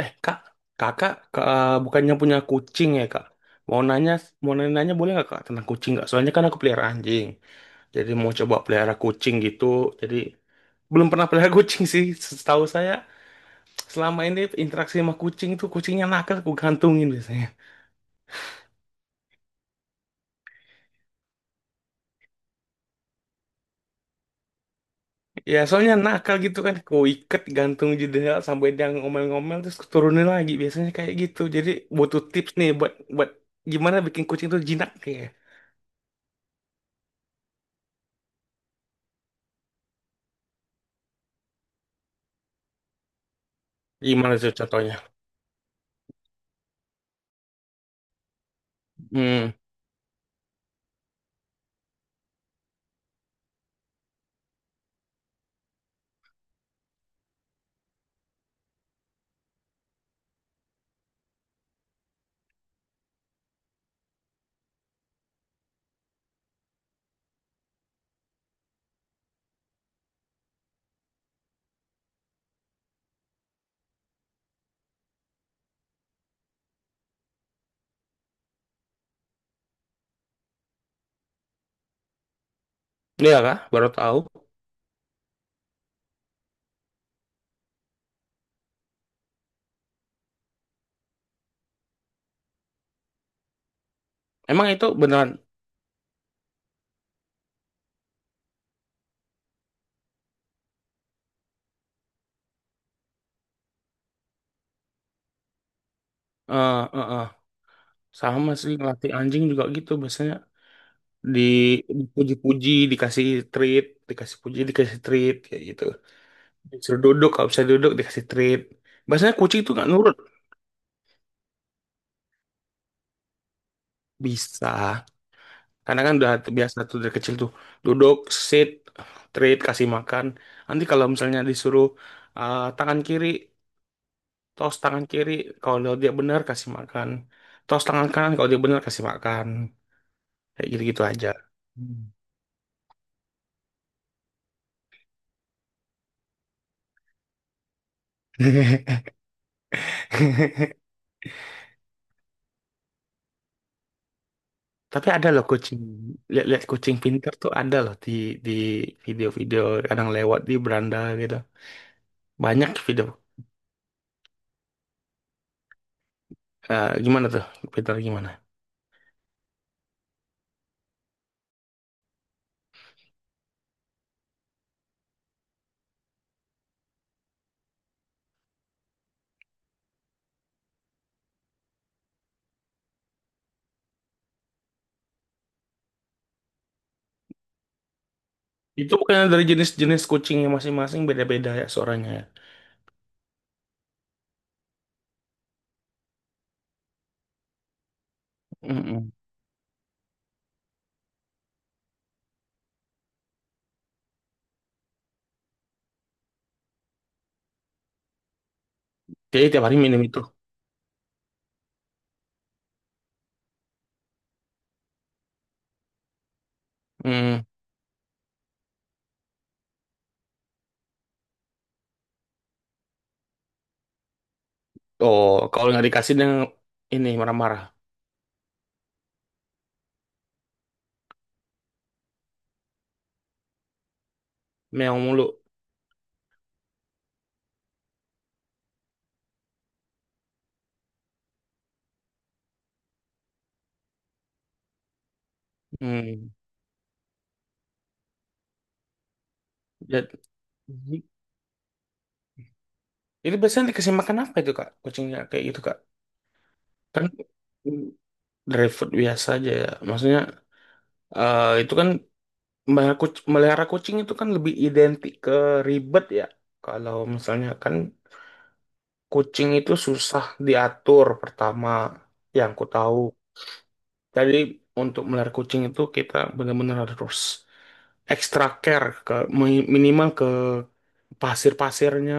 Eh, Kak, Kakak, Kak, eh, bukannya punya kucing ya, Kak? Mau nanya, mau nanya, boleh nggak, Kak, tentang kucing nggak? Soalnya kan aku pelihara anjing. Jadi mau coba pelihara kucing gitu. Jadi belum pernah pelihara kucing sih. Setahu saya, selama ini interaksi sama kucing itu kucingnya nakal, aku gantungin biasanya. Ya, soalnya nakal gitu kan, aku ikat gantung jendela sampai dia ngomel-ngomel terus aku turunin lagi. Biasanya kayak gitu. Jadi butuh tips nih buat buat gimana bikin kucing itu jinak kayak. Gimana tuh contohnya? Hmm. Iya kah? Baru tahu. Emang itu beneran eh eh, eh. Sama sih ngelatih anjing juga gitu biasanya di dipuji-puji, dikasih treat, dikasih puji, dikasih treat kayak gitu. Disuruh duduk, kalau bisa duduk dikasih treat. Biasanya kucing itu nggak nurut. Bisa. Karena kan udah biasa tuh dari kecil tuh duduk, sit, treat, kasih makan. Nanti kalau misalnya disuruh tangan kiri, tos tangan kiri, kalau dia benar kasih makan. Tos tangan kanan kalau dia benar kasih makan. Kayak gitu-gitu aja. Hmm. Tapi ada loh kucing, lihat-lihat kucing pintar tuh ada loh di video-video kadang lewat di beranda gitu. Banyak video. Eh, gimana tuh? Pintar gimana? Itu bukannya dari jenis-jenis kucingnya masing-masing beda-beda ya suaranya ya. Mm-mm. Jadi tiap hari minum itu. Mm. Oh, kalau nggak dikasih dia ini marah-marah. Meong mulu. Hmm. Ya, itu biasanya dikasih makan apa itu, Kak? Kucingnya kayak gitu, Kak. Kan dry food biasa aja ya. Maksudnya itu kan melihara kuc- melihara kucing, itu kan lebih identik ke ribet ya. Kalau misalnya kan kucing itu susah diatur pertama yang ku tahu. Jadi untuk melihara kucing itu kita benar-benar harus extra care ke mi- minimal ke pasir-pasirnya,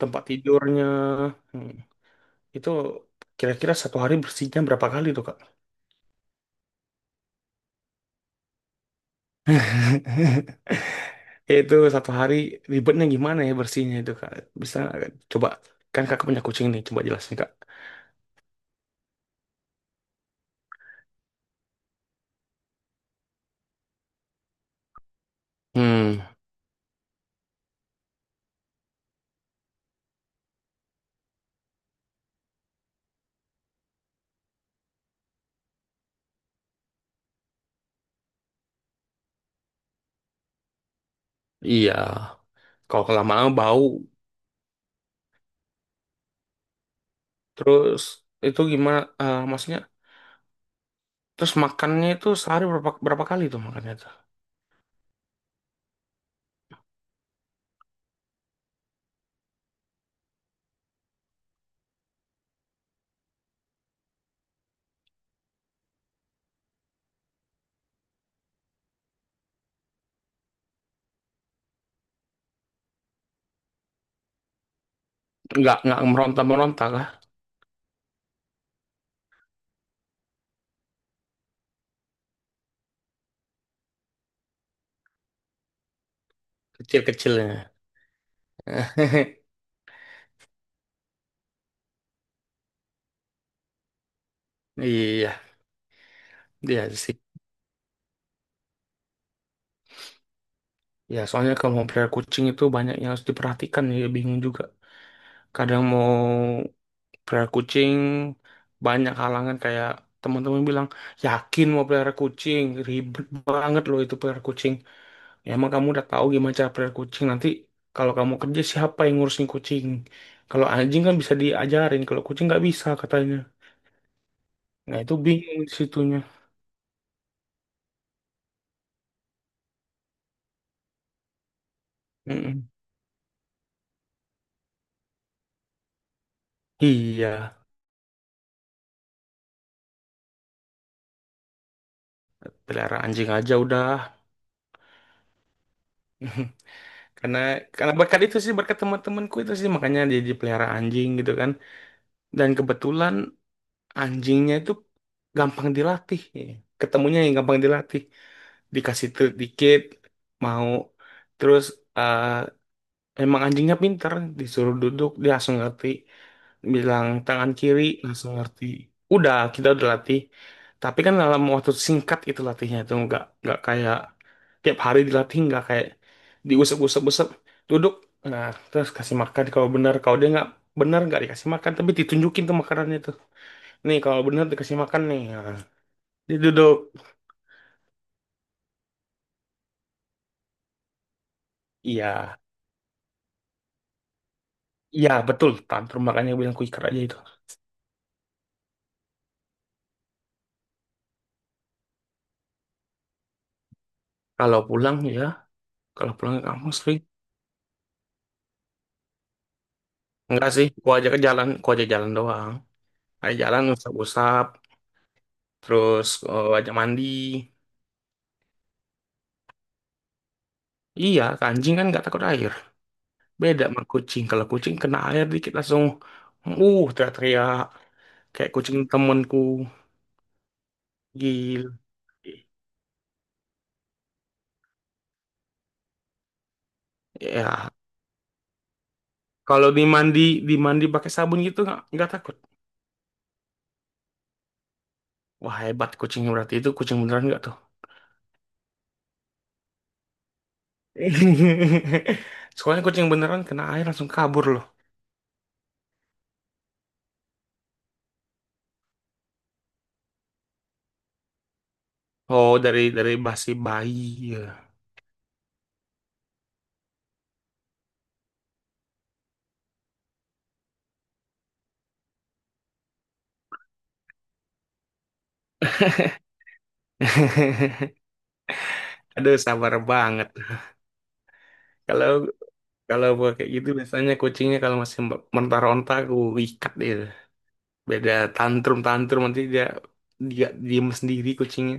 tempat tidurnya. Hmm, itu kira-kira satu hari bersihnya berapa kali tuh, Kak? Ya, itu satu hari ribetnya gimana ya bersihnya itu, kak, bisa nggak, Kak? Coba, kan kakak punya kucing nih, coba jelasin, kak. Hmm, iya, kalau lama-lama bau. Terus itu gimana, maksudnya terus makannya itu sehari berapa berapa kali tuh makannya tuh nggak meronta meronta kah? Kecil kecilnya. Iya. Iya sih, ya soalnya kalau mau pelihara kucing itu banyak yang harus diperhatikan ya, bingung juga. Kadang mau pelihara kucing banyak halangan kayak teman-teman bilang, yakin mau pelihara kucing? Ribet banget loh itu pelihara kucing. Ya, emang kamu udah tahu gimana cara pelihara kucing nanti kalau kamu kerja siapa yang ngurusin kucing? Kalau anjing kan bisa diajarin, kalau kucing nggak bisa katanya. Nah, itu bingung di situnya. Mm-mm. Iya, pelihara anjing aja udah. karena karena berkat itu sih, berkat teman-temanku itu sih makanya dia dipelihara anjing gitu kan. Dan kebetulan anjingnya itu gampang dilatih ya. Ketemunya yang gampang dilatih, dikasih treat dikit mau terus. eh, Emang anjingnya pinter, disuruh duduk dia langsung ngerti, bilang tangan kiri langsung ngerti. Udah kita udah latih, tapi kan dalam waktu singkat itu latihnya itu nggak kayak tiap hari dilatih, nggak kayak diusap-usap-usap, duduk, nah, terus kasih makan kalau benar, kalau dia nggak benar nggak dikasih makan tapi ditunjukin tuh makanannya tuh. Nih kalau bener dikasih makan nih. Ya. Dia duduk. Iya. Iya betul. Tantrum, makanya gue bilang quicker aja itu. Kalau pulang ya. Kalau pulang ke kampus sih. Enggak sih. Gue ajak ke jalan. Gue ajak jalan doang. Ajak jalan usap-usap. Terus ajak mandi. Iya. Anjing kan nggak takut air. Beda sama kucing. Kalau kucing kena air dikit langsung. Uh, teriak-teriak. Kayak kucing temenku. Gil. Ya. Kalau dimandi, dimandi pakai sabun gitu nggak takut. Wah, hebat kucing, berarti itu kucing beneran nggak tuh? Soalnya kucing beneran kena air langsung kabur loh. Oh, dari basi bayi. Ya. Aduh, sabar banget. Kalau kalau gua kayak gitu biasanya kucingnya kalau masih mentah-ronta aku ikat dia. Beda, tantrum tantrum nanti dia dia diem sendiri kucingnya.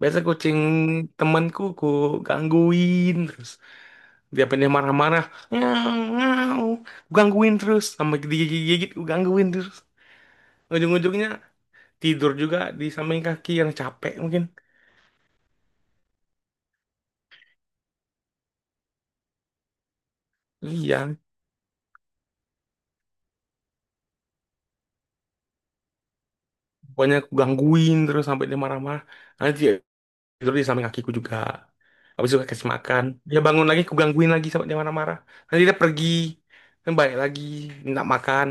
Biasa kucing temanku ku gangguin terus. Dia pengen marah-marah. Nyau, nyau. Gangguin terus. Sampai digigit-gigit, gangguin terus. Ujung-ujungnya tidur juga di samping kaki yang capek mungkin. Iya, pokoknya aku gangguin terus sampai dia marah-marah. Nanti dia tidur di samping kakiku juga. Habis itu aku kasih makan. Dia bangun lagi, aku gangguin lagi sampai dia marah-marah. Nanti dia pergi. Dan balik lagi, minta makan.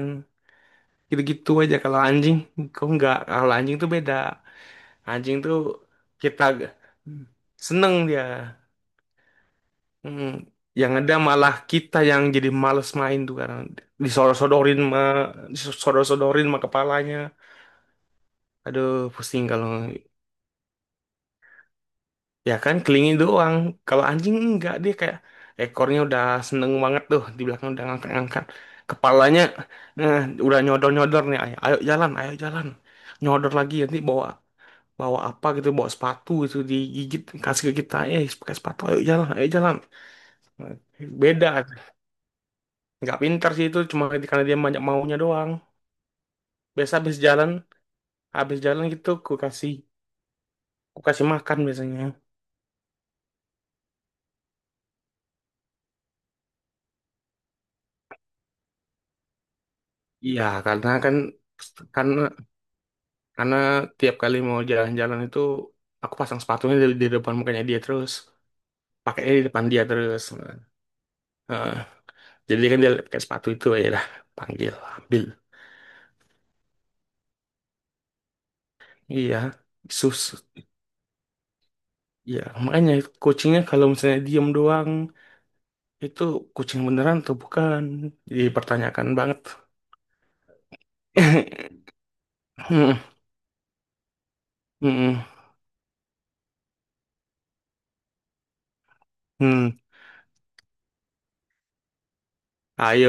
Gitu-gitu aja kalau anjing. Kok enggak? Kalau anjing tuh beda. Anjing tuh kita seneng dia. Mm, yang ada malah kita yang jadi males main tuh karena disodor-sodorin mah disodor-sodorin mah kepalanya. Aduh, pusing kalau ya kan kelingin doang. Kalau anjing enggak, dia kayak ekornya udah seneng banget tuh di belakang udah ngangkat-ngangkat. Kepalanya, nah, udah nyodor-nyodor nih. Ayo, ayo jalan, ayo jalan. Nyodor lagi nanti bawa bawa apa gitu, bawa sepatu itu digigit kasih ke kita. Eh, pakai sepatu, ayo jalan, ayo jalan. Beda, nggak pintar sih itu, cuma karena dia banyak maunya doang. Biasa habis jalan, habis jalan gitu ku kasih makan biasanya. Iya, karena kan karena karena tiap kali mau jalan-jalan itu aku pasang sepatunya di depan mukanya dia terus, pakainya di depan dia terus. Heeh. Jadi kan dia pakai sepatu itu ya lah, panggil, ambil. Iya, sus. Iya, makanya kucingnya kalau misalnya diem doang itu, kucing beneran atau bukan dipertanyakan banget. Mm-mm. Hmm. Ayo,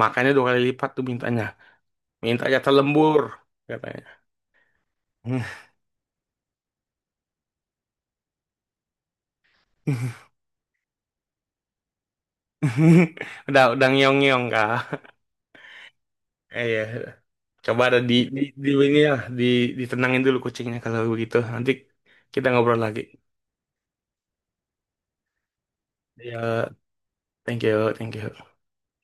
makanya 2 kali lipat tuh mintanya. Minta jatah lembur, katanya. Udah ngeong-ngeong, Kak. Eh, iya. Coba ada di ini lah, di, ditenangin dulu kucingnya kalau begitu. Nanti kita ngobrol lagi. Ya, thank you, thank you.